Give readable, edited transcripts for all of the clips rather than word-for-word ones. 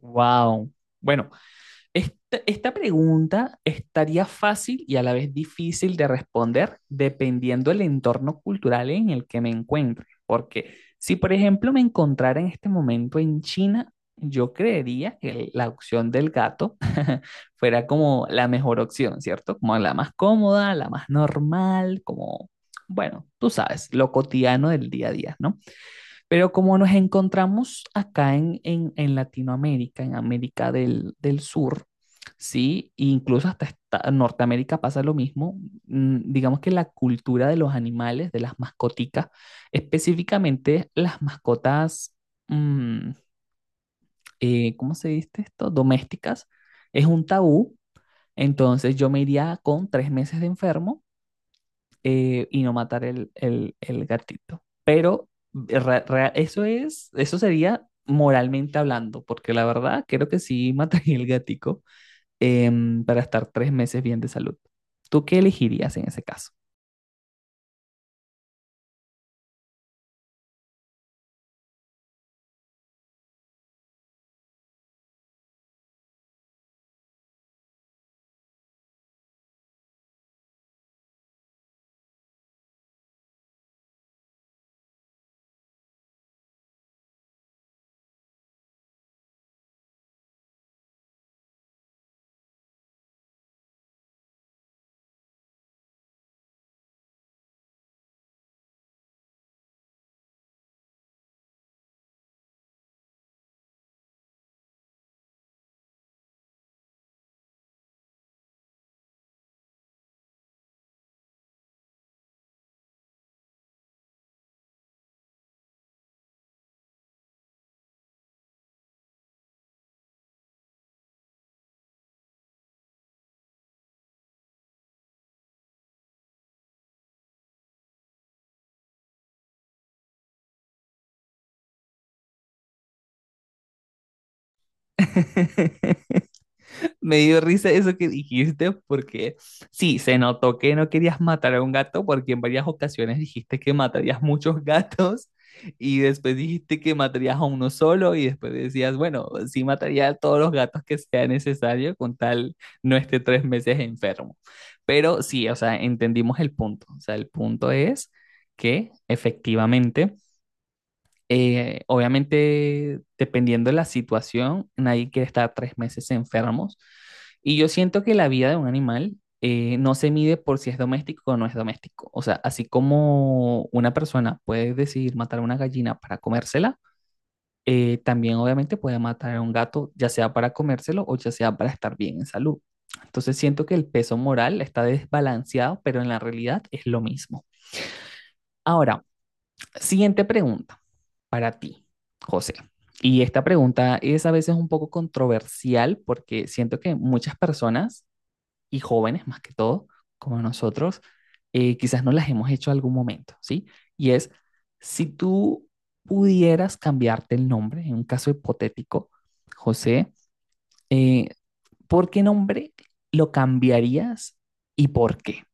Wow. Bueno, esta pregunta estaría fácil y a la vez difícil de responder dependiendo del entorno cultural en el que me encuentre. Porque si, por ejemplo, me encontrara en este momento en China, yo creería que la opción del gato fuera como la mejor opción, ¿cierto? Como la más cómoda, la más normal, como, bueno, tú sabes, lo cotidiano del día a día, ¿no? Pero como nos encontramos acá en Latinoamérica, en América del Sur, ¿sí? E incluso hasta Norteamérica pasa lo mismo. Digamos que la cultura de los animales, de las mascoticas, específicamente las mascotas, mm, ¿cómo se dice esto? Domésticas, es un tabú. Entonces yo me iría con 3 meses de enfermo y no matar el gatito. Pero eso es, eso sería moralmente hablando, porque la verdad creo que sí mataría el gatico para estar 3 meses bien de salud. ¿Tú qué elegirías en ese caso? Me dio risa eso que dijiste porque sí, se notó que no querías matar a un gato porque en varias ocasiones dijiste que matarías muchos gatos y después dijiste que matarías a uno solo y después decías, bueno, sí mataría a todos los gatos que sea necesario con tal no esté 3 meses enfermo. Pero sí, o sea, entendimos el punto. O sea, el punto es que efectivamente obviamente, dependiendo de la situación, nadie quiere estar 3 meses enfermos. Y yo siento que la vida de un animal no se mide por si es doméstico o no es doméstico. O sea, así como una persona puede decidir matar a una gallina para comérsela, también obviamente puede matar a un gato, ya sea para comérselo o ya sea para estar bien en salud. Entonces siento que el peso moral está desbalanceado, pero en la realidad es lo mismo. Ahora, siguiente pregunta para ti, José. Y esta pregunta es a veces un poco controversial porque siento que muchas personas, y jóvenes más que todo, como nosotros, quizás no las hemos hecho en algún momento, ¿sí? Y es, si tú pudieras cambiarte el nombre, en un caso hipotético, José, eh, ¿por qué nombre lo cambiarías y por qué?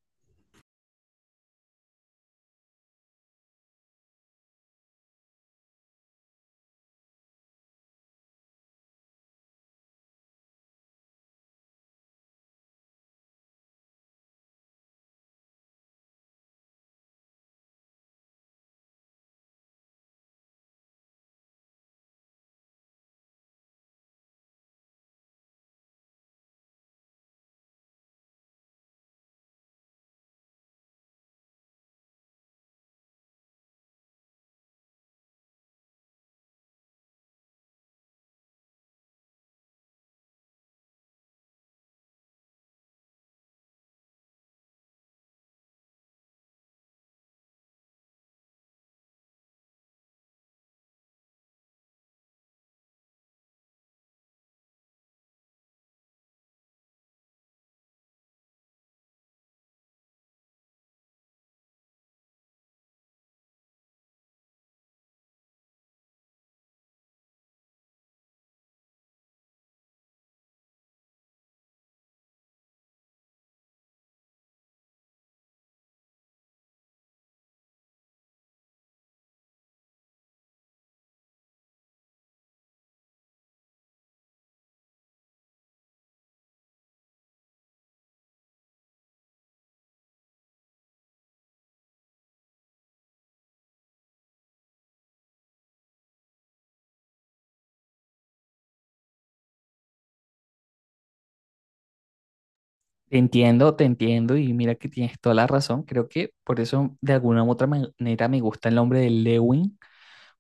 Te entiendo y mira que tienes toda la razón. Creo que por eso de alguna u otra manera me gusta el nombre de Lewin,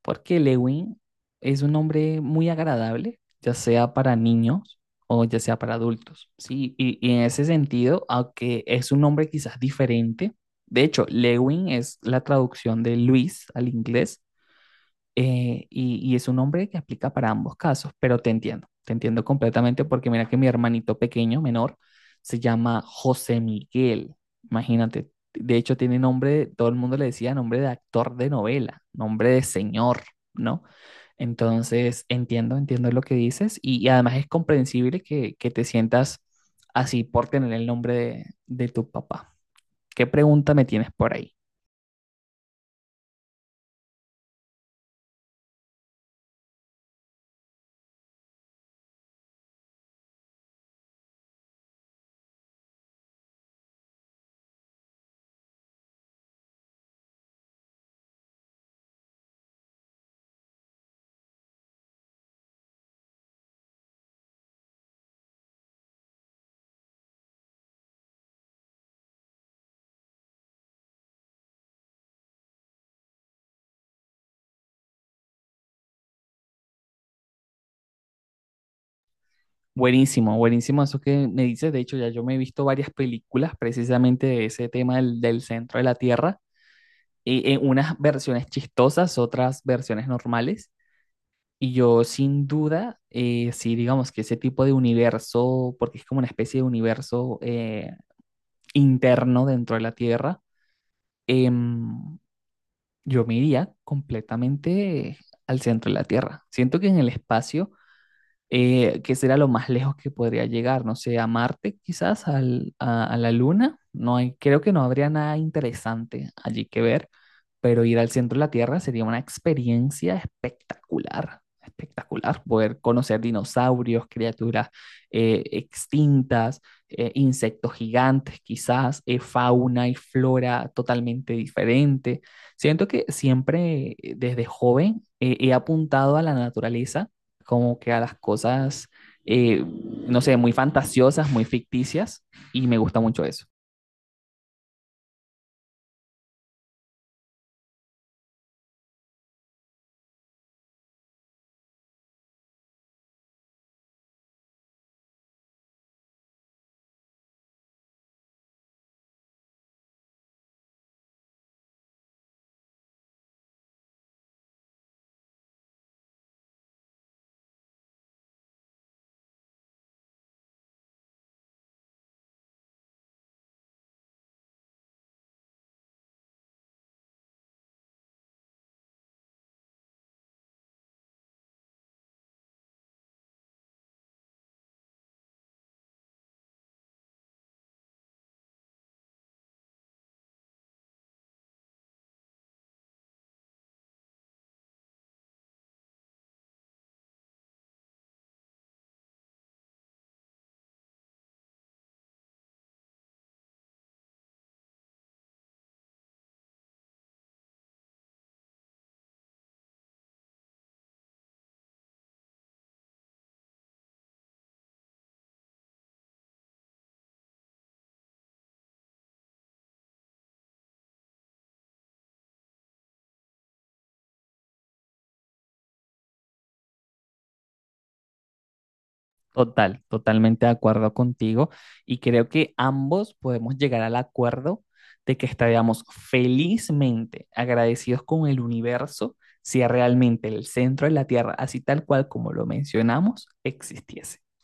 porque Lewin es un nombre muy agradable, ya sea para niños o ya sea para adultos. Sí, y en ese sentido, aunque es un nombre quizás diferente, de hecho, Lewin es la traducción de Luis al inglés, y es un nombre que aplica para ambos casos, pero te entiendo completamente porque mira que mi hermanito pequeño, menor, se llama José Miguel, imagínate, de hecho tiene nombre, todo el mundo le decía nombre de actor de novela, nombre de señor, ¿no? Entonces, entiendo, entiendo lo que dices y además es comprensible que te sientas así por tener el nombre de tu papá. ¿Qué pregunta me tienes por ahí? Buenísimo, buenísimo eso que me dices. De hecho, ya yo me he visto varias películas precisamente de ese tema del centro de la Tierra, y en unas versiones chistosas, otras versiones normales. Y yo sin duda, sí, digamos que ese tipo de universo, porque es como una especie de universo interno dentro de la Tierra, em, yo me iría completamente al centro de la Tierra. Siento que en el espacio, que será lo más lejos que podría llegar, no sé, a Marte quizás, a la Luna. No hay, creo que no habría nada interesante allí que ver, pero ir al centro de la Tierra sería una experiencia espectacular, espectacular, poder conocer dinosaurios, criaturas extintas, insectos gigantes quizás, fauna y flora totalmente diferente. Siento que siempre desde joven he apuntado a la naturaleza como que a las cosas, eh, no sé, muy fantasiosas, muy ficticias, y me gusta mucho eso. Total, totalmente de acuerdo contigo, y creo que ambos podemos llegar al acuerdo de que estaríamos felizmente agradecidos con el universo si realmente el centro de la Tierra, así tal cual como lo mencionamos, existiese.